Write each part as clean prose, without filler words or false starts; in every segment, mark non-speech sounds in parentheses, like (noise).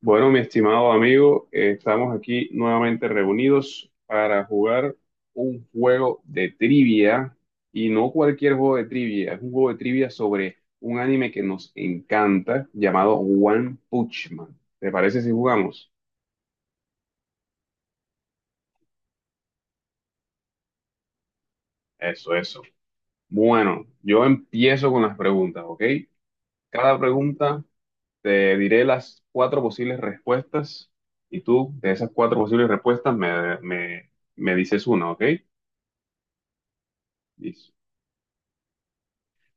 Bueno, mi estimado amigo, estamos aquí nuevamente reunidos para jugar un juego de trivia y no cualquier juego de trivia, es un juego de trivia sobre un anime que nos encanta llamado One Punch Man. ¿Te parece si jugamos? Eso, eso. Bueno, yo empiezo con las preguntas, ¿ok? Cada pregunta te diré las cuatro posibles respuestas y tú de esas cuatro posibles respuestas me dices una, ¿ok? Listo.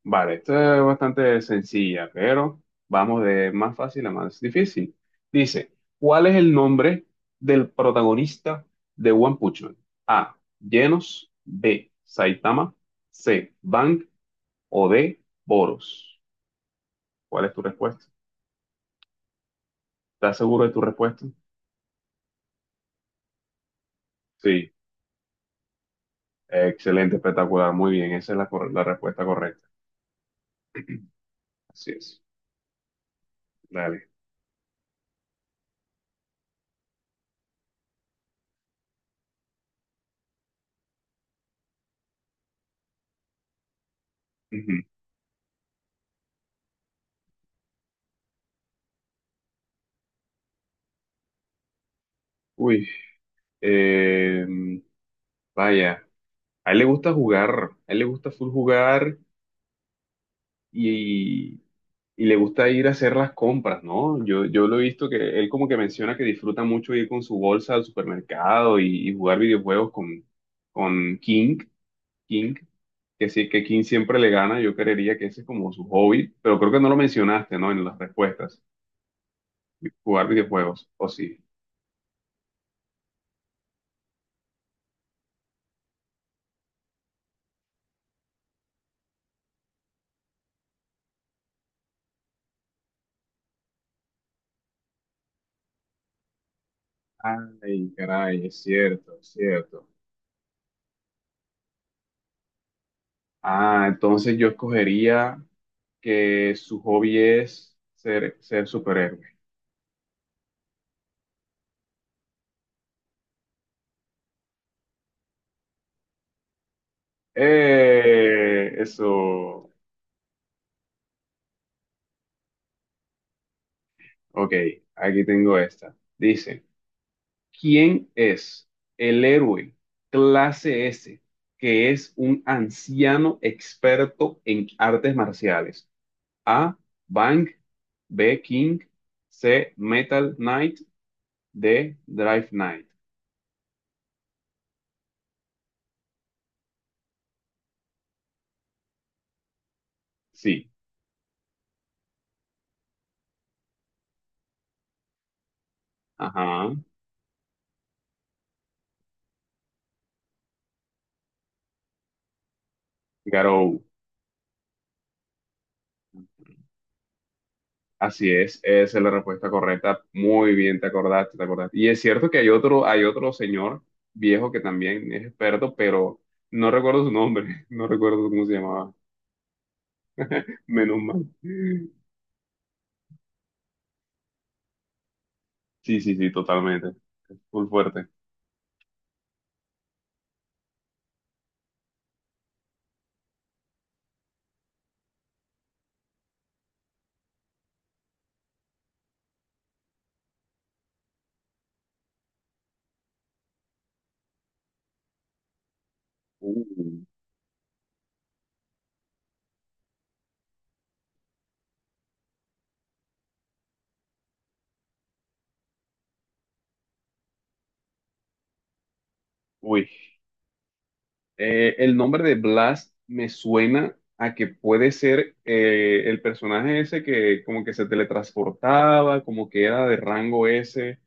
Vale, esta es bastante sencilla, pero vamos de más fácil a más difícil. Dice, ¿cuál es el nombre del protagonista de One Punch Man? A. Genos, B. Saitama, C. Bang o D. Boros. ¿Cuál es tu respuesta? ¿Estás seguro de tu respuesta? Sí, excelente, espectacular, muy bien, esa es la, cor- la respuesta correcta. Así es, dale. Ujú. Uy, eh, vaya, a él le gusta jugar, a él le gusta full jugar. y, y le gusta ir a hacer las compras, ¿no? Yo lo he visto que él como que menciona que disfruta mucho ir con su bolsa al supermercado y jugar videojuegos con King, King, que sí, que King siempre le gana, yo creería que ese es como su hobby, pero creo que no lo mencionaste, ¿no? En las respuestas, jugar videojuegos, o sí. Ay, caray, es cierto, es cierto. Ah, entonces yo escogería que su hobby es ser superhéroe. Eso. Ok, aquí tengo esta. Dice, ¿quién es el héroe clase S que es un anciano experto en artes marciales? A, Bang, B, King, C, Metal Knight, D, Drive Knight. Sí, ajá, Garou. Así es, esa es la respuesta correcta. Muy bien, te acordaste, te acordaste. Y es cierto que hay otro señor viejo que también es experto, pero no recuerdo su nombre, (laughs) no recuerdo cómo se llamaba. Menos mal. Sí, sí, sí, totalmente. Es muy fuerte. Uh, uy. El nombre de Blas me suena a que puede ser el personaje ese que como que se teletransportaba, como que era de rango S,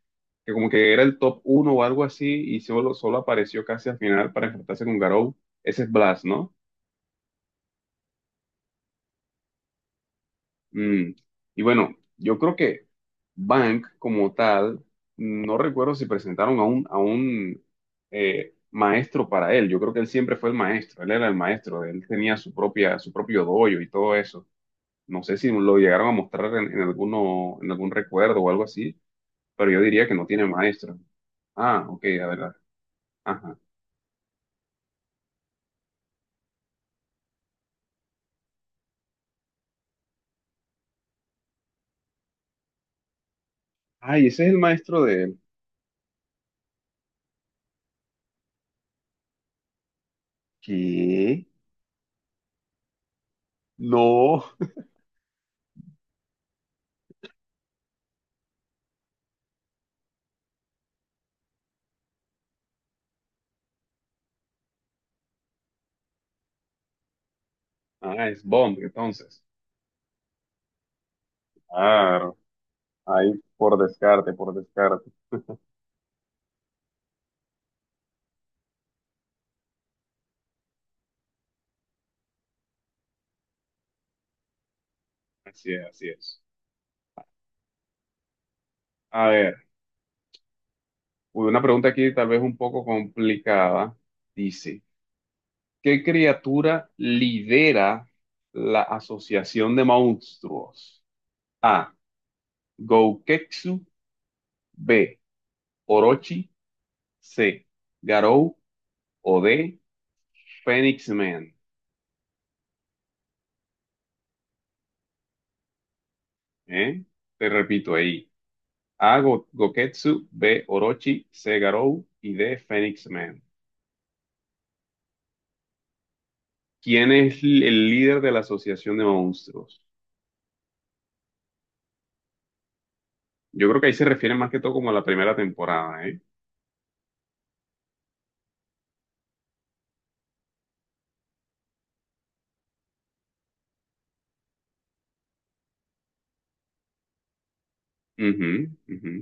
que como que era el top uno o algo así y solo apareció casi al final para enfrentarse con Garou. Ese es Blas, ¿no? Mm, y bueno, yo creo que Bank como tal, no recuerdo si presentaron a a un maestro para él. Yo creo que él siempre fue el maestro, él era el maestro, él tenía su propia, su propio dojo y todo eso. No sé si lo llegaron a mostrar en alguno, en algún recuerdo o algo así, pero yo diría que no tiene maestro. Ah, ok, a ver, ajá. Ay, ese es el maestro de él. ¿Qué? No. (laughs) Ah, es Bond, entonces. Claro, ahí por descarte, por descarte. Así es, así es. A ver, una pregunta aquí tal vez un poco complicada. Dice, ¿qué criatura lidera la Asociación de Monstruos? A. Gouketsu. B. Orochi. C. Garou. O D. Phoenix Man. ¿Eh? Te repito ahí. A. Go- Goketsu. B. Orochi. C. Garou. Y D. Phoenix Man. ¿Quién es l- el líder de la Asociación de Monstruos? Yo creo que ahí se refiere más que todo como a la primera temporada, ¿eh? Ujú, ujú.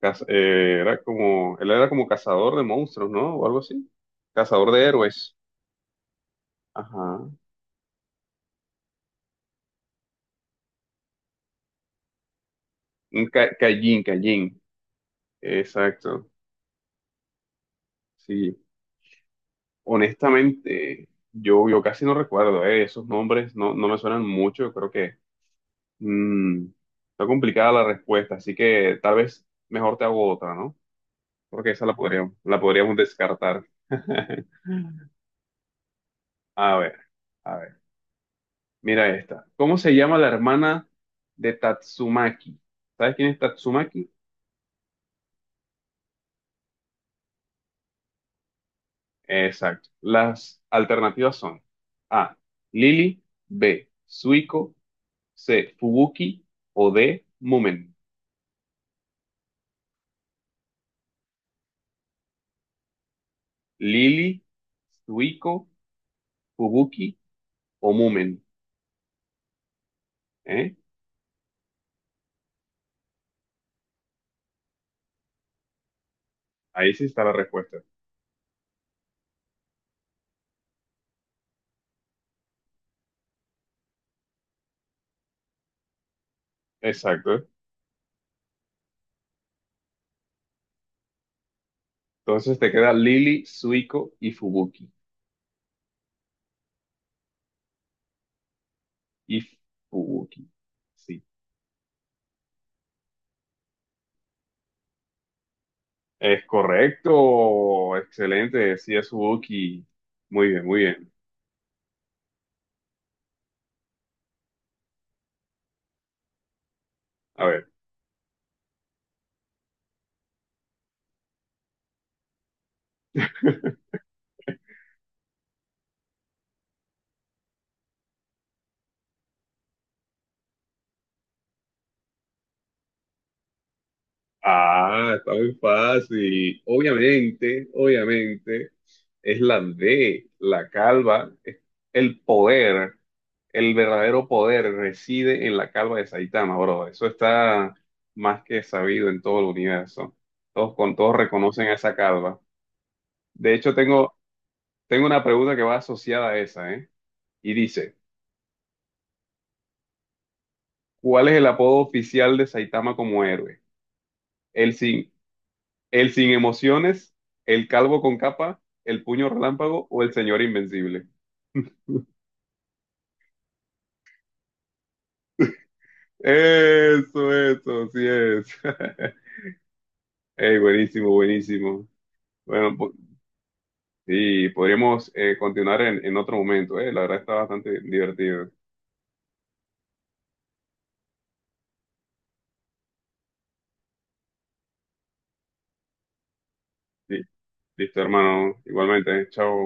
Caz- era como, él era como cazador de monstruos, ¿no? O algo así. Cazador de héroes. Ajá. Un ca- Callín, Callín. Exacto. Sí. Honestamente, yo casi no recuerdo, ¿eh? Esos nombres no me suenan mucho. Yo creo que mm, está complicada la respuesta, así que tal vez mejor te hago otra, ¿no? Porque esa la podríamos descartar. (laughs) A ver, a ver. Mira esta. ¿Cómo se llama la hermana de Tatsumaki? ¿Sabes quién es Tatsumaki? Exacto. Las alternativas son A. Lily. B. Suiko. C. Fubuki. O D. Mumen. Lily, Suiko, Fubuki o Mumen. ¿Eh? Ahí sí está la respuesta. Exacto. Entonces te queda Lily, Suiko y Fubuki. Y Fubuki. Sí. Es correcto, excelente, sí es Suzuki. Muy bien, muy bien. A ver. (laughs) Ah, está muy fácil. Obviamente, obviamente, es la D, la calva. Es el poder, el verdadero poder reside en la calva de Saitama, bro. Eso está más que sabido en todo el universo. Todos reconocen a esa calva. De hecho, tengo una pregunta que va asociada a esa, ¿eh? Y dice... ¿Cuál es el apodo oficial de Saitama como héroe? ¿El sin, el sin emociones, el calvo con capa, el puño relámpago o el señor invencible? Eso, sí es. (laughs) Ey, buenísimo, buenísimo. Bueno, po- sí, podríamos continuar en otro momento, eh. La verdad está bastante divertido. Sí, listo, hermano. Igualmente, eh. Chao.